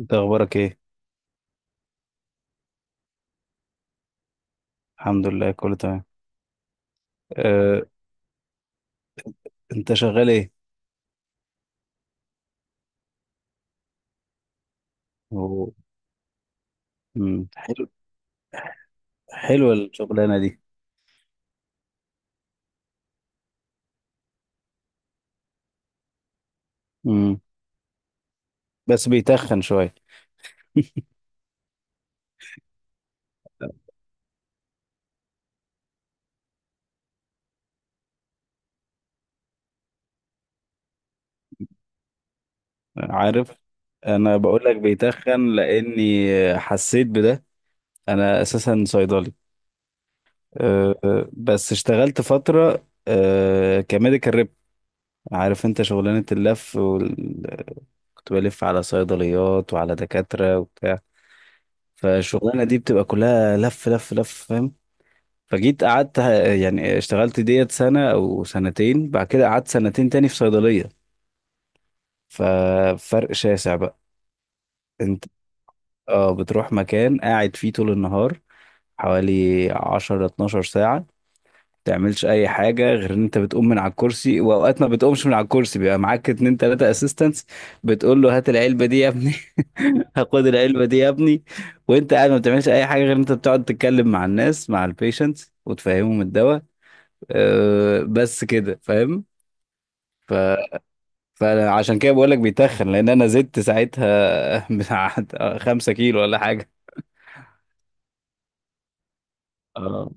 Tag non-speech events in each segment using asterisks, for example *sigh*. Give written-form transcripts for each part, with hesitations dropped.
انت اخبارك ايه؟ الحمد لله، كله تمام. أه. انت شغال ايه؟ هو- حلو. حلوه الشغلانه دي. مم. بس بيتخن شويه. *laughs* عارف، انا بقول لك بيتخن لاني حسيت بده. انا اساسا صيدلي. أه، أه، بس اشتغلت فتره كميديكال ريب. عارف انت شغلانه اللف وال... كنت بلف على صيدليات وعلى دكاتره وبتاع. فالشغلانه دي بتبقى كلها لف لف لف، فاهم. فجيت قعدت ه- يعني اشتغلت ديت سنة أو سنتين، بعد كده قعدت سنتين تاني في صيدلية. ففرق شاسع بقى. انت اه بتروح مكان قاعد فيه طول النهار حوالي 10 12 ساعة، تعملش أي حاجة غير إن أنت بتقوم من على الكرسي، وأوقات ما بتقومش من على الكرسي بيبقى معاك اتنين تلاتة أسيستنتس. بتقول له هات العلبة دي يا ابني. *laughs* هاخد العلبة دي يا ابني. وأنت قاعد ما بتعملش أي حاجة غير إن أنت بتقعد تتكلم مع الناس، مع البيشنتس، وتفهمهم الدواء. بس كده فاهم. ف- فانا عشان كده بقول لك بيتخن، لان انا زدت ساعتها *laughs* بتاع 5 كيلو ولا حاجه. اه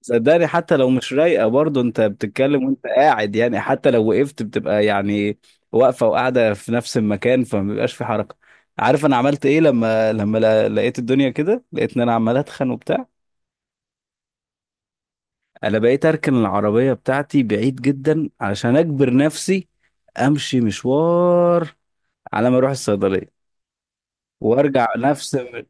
صدقني حتى لو مش رايقه، برضه انت بتتكلم وانت قاعد، يعني حتى لو وقفت بتبقى يعني واقفه وقاعده في نفس المكان، فما بيبقاش في حركه. عارف انا عملت ايه لما لقيت الدنيا كده، لقيت ان انا عمال اتخن وبتاع. انا بقيت اركن العربيه بتاعتي بعيد جدا عشان اجبر نفسي امشي مشوار على ما اروح الصيدليه. وارجع نفس الم-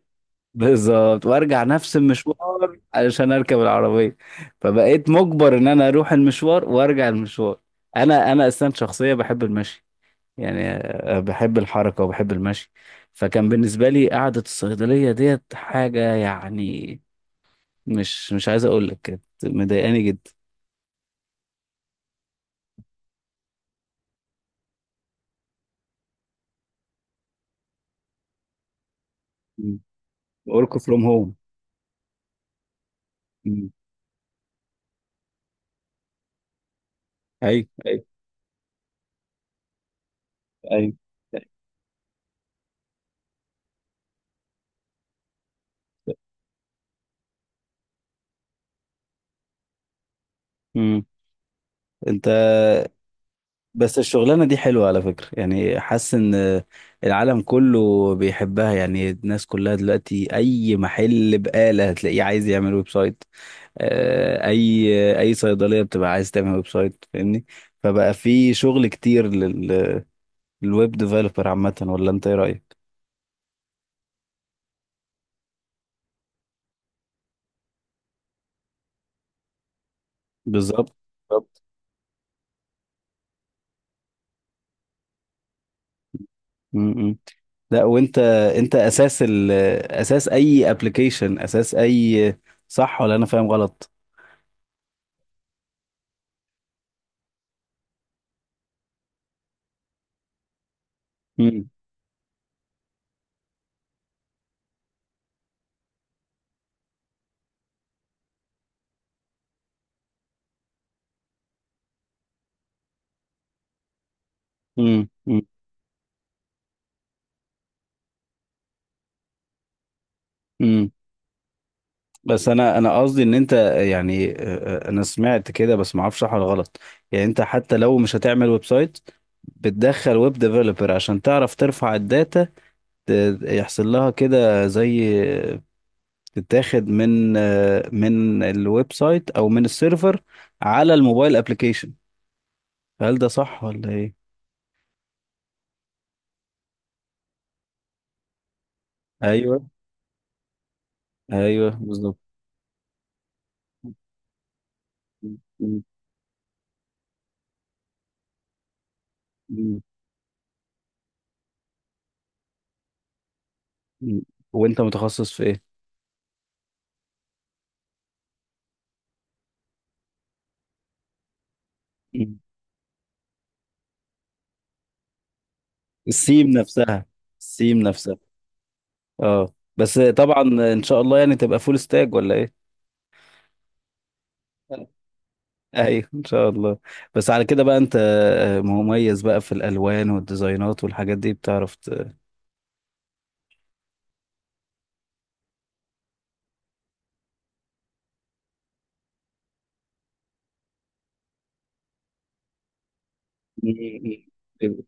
بالظبط وارجع نفس المشوار علشان اركب العربيه. فبقيت مجبر ان انا اروح المشوار وارجع المشوار. انا اصلا شخصيه بحب المشي. يعني بحب الحركه وبحب المشي. فكان بالنسبه لي قعده الصيدليه ديت حاجه، يعني مش عايز اقول لك كانت مضايقاني جدا. ورك فروم هوم. ايوه، ايوه، ايوه. مم. انت، بس الشغلانة دي حلوة على فكرة، يعني حاسس ان العالم كله بيحبها، يعني الناس كلها دلوقتي اي محل بقالة هتلاقيه عايز يعمل ويب سايت. اي صيدلية بتبقى عايز تعمل ويب سايت، فاهمني. فبقى في شغل كتير للويب ديفلوبر عامة، ولا انت ايه رأيك؟ بالظبط، بالظبط. م. لا، وانت انت اساس ال اساس اي ابلكيشن اساس اي، صح ولا انا فاهم غلط؟ امم، امم. بس انا قصدي ان انت، يعني انا سمعت كده بس ما اعرفش صح ولا غلط. يعني انت حتى لو مش هتعمل ويب سايت، بتدخل ويب ديفلوبر عشان تعرف ترفع الداتا، يحصل لها كده زي آه، تتاخد من من الويب سايت او من السيرفر على الموبايل ابلكيشن. هل ده صح ولا ايه؟ ايوه، ايوه، بالظبط. م- م- م- م. وانت متخصص في ايه؟ م. السيم نفسها، السيم نفسها. اه، بس طبعا ان شاء الله يعني تبقى فول ستاج ولا ايه. ايوه، ان شاء الله. بس على كده بقى انت، مميز بقى في الالوان والديزاينات والحاجات دي، بتعرف *laughs* بيبقى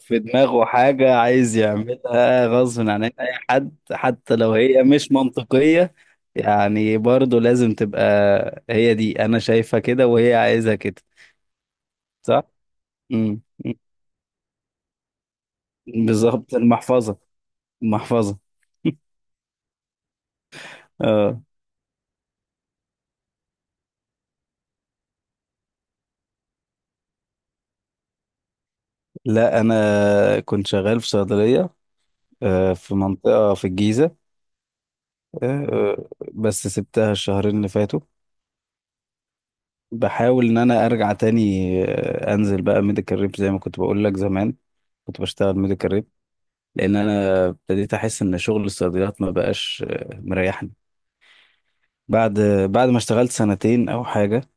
في دماغه حاجة عايز يعملها غصب عن اي حد، حتى لو هي مش منطقية. يعني برضه لازم تبقى، هي دي انا شايفها كده وهي عايزها كده، صح؟ امم. بالظبط، المحفظة، المحفظة. اه. لا، انا كنت شغال في صيدليه في منطقه في الجيزه. بس سبتها الشهرين اللي فاتوا. بحاول ان انا ارجع تاني، انزل بقى ميديكال ريب زي ما كنت بقول لك زمان. كنت بشتغل ميديكال ريب. لان انا ابتديت احس ان شغل الصيدليات ما بقاش مريحني. بعد بعد ما اشتغلت سنتين او حاجه،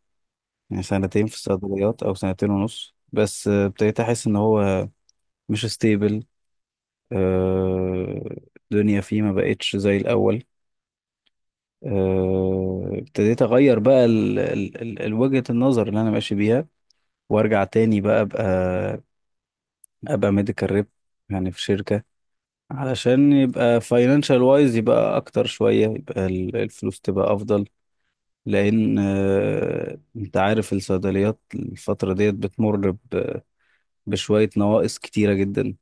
يعني سنتين في الصيدليات او سنتين ونص، بس ابتديت احس ان هو مش ستيبل. الدنيا فيه ما بقتش زي الاول. ابتديت اغير بقى وجهة النظر اللي انا ماشي بيها. وارجع تاني بقى ابقى ميديكال ريب، يعني في شركة علشان يبقى فاينانشال وايز، يبقى اكتر شوية، يبقى الفلوس تبقى افضل. لان انت عارف الصيدليات الفترة ديت بتمر بشوية نواقص كتيرة جدا.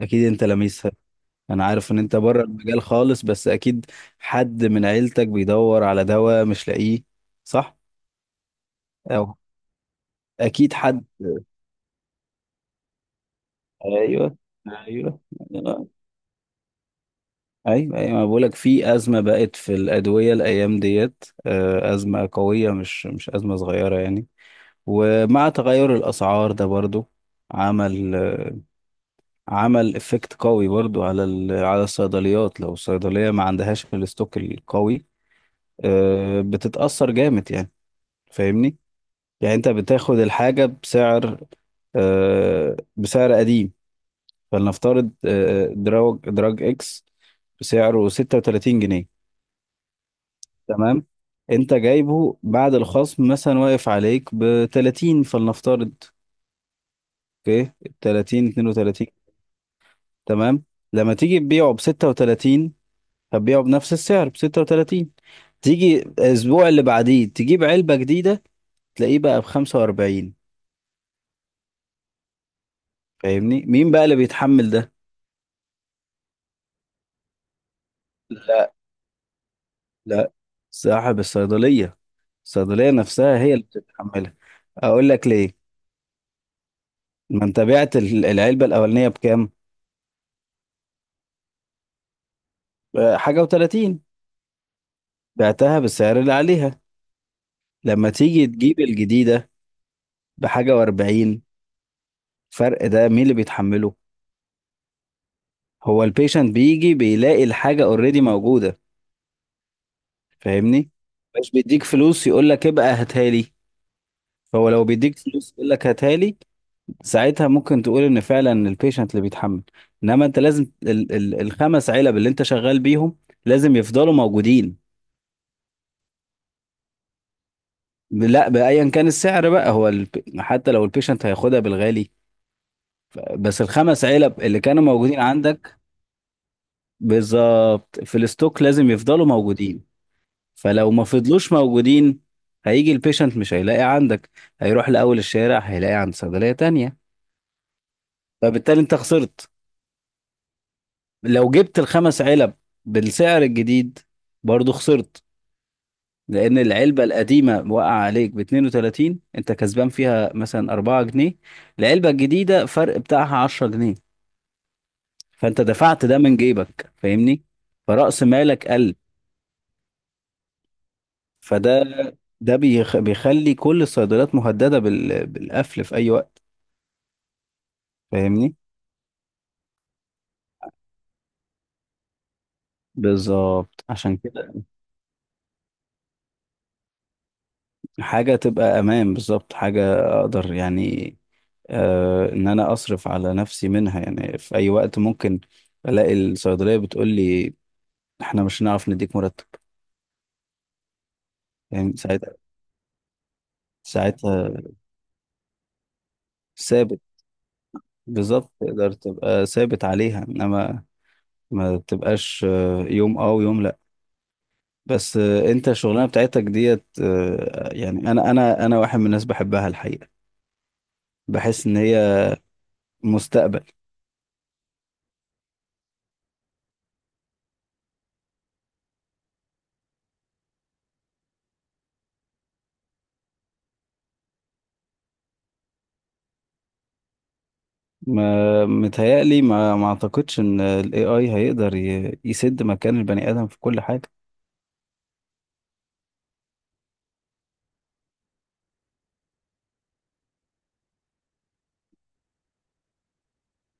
اكيد انت لميسها. انا عارف ان انت بره المجال خالص، بس اكيد حد من عيلتك بيدور على دواء مش لاقيه، صح؟ اكيد حد. ايوه، ايوه، ايوه، ايوه. انا بقول لك في ازمه بقت في الادويه الايام ديت، ازمه قويه، مش ازمه صغيره يعني. ومع تغير الاسعار ده برضو عمل آه، عمل افكت قوي برضو على على الصيدليات، لو الصيدليه ما عندهاش الاستوك القوي. بتتاثر جامد يعني. فاهمني. يعني انت بتاخد الحاجه بسعر قديم. فلنفترض دراج اكس بسعره 36 جنيه. تمام. انت جايبه بعد الخصم مثلا واقف عليك ب 30، فلنفترض، اوكي، 30 32، تمام. لما تيجي تبيعه ب 36، هتبيعه بنفس السعر ب 36. تيجي الاسبوع اللي بعديه تجيب علبة جديدة، تلاقيه بقى ب 45، فاهمني. مين بقى اللي بيتحمل ده؟ لا، لا، صاحب الصيدلية. الصيدلية نفسها هي اللي بتتحملها. اقول لك ليه، ما انت بعت العلبة الأولانية بكام؟ حاجة وتلاتين. بعتها بالسعر اللي عليها، لما تيجي تجيب الجديدة بحاجة وأربعين. الفرق ده مين اللي بيتحمله؟ هو البيشنت بيجي بيلاقي الحاجة اوريدي موجودة، فاهمني؟ مش بيديك فلوس يقول لك ابقى هاتها لي، فهو لو بيديك فلوس يقول لك هاتها لي، ساعتها ممكن تقول ان فعلا البيشنت اللي بيتحمل، انما انت لازم ال ال الخمس علب اللي انت شغال بيهم لازم يفضلوا موجودين. لا، بأيا كان السعر بقى، هو حتى لو البيشنت هياخدها بالغالي. بس الخمس علب اللي كانوا موجودين عندك. بالظبط، في الستوك لازم يفضلوا موجودين. فلو ما فضلوش موجودين، هيجي البيشنت مش هيلاقي عندك، هيروح لأول الشارع هيلاقي عند صيدلية تانية. فبالتالي انت خسرت. لو جبت الخمس علب بالسعر الجديد، برضو خسرت. لأن العلبة القديمة وقع عليك ب 32، انت كسبان فيها مثلا 4 جنيه. العلبة الجديدة فرق بتاعها 10 جنيه، فانت دفعت ده من جيبك، فاهمني. فرأس مالك قل. فده ده بيخلي كل الصيدليات مهددة بالقفل في اي وقت، فاهمني. بالظبط، عشان كده. حاجة تبقى امان، بالظبط، حاجة اقدر يعني ان انا اصرف على نفسي منها، يعني في اي وقت ممكن الاقي الصيدلية بتقول لي احنا مش هنعرف نديك مرتب. يعني ساعتها ثابت. بالظبط، تقدر تبقى ثابت عليها، انما ما تبقاش يوم ويوم لا. بس انت الشغلانه بتاعتك ديت يعني انا واحد من الناس بحبها الحقيقه. بحس ان هي مستقبل. ما متهيألي ما اعتقدش ان ال AI هيقدر يسد مكان البني ادم في كل حاجه.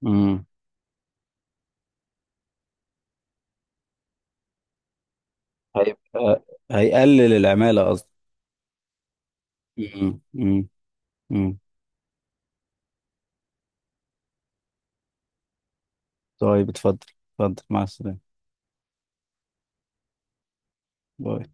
امم. هيبقى، هيقلل العماله قصدي. امم، امم. أمم. طيب، اتفضل، اتفضل، مع السلامه، باي.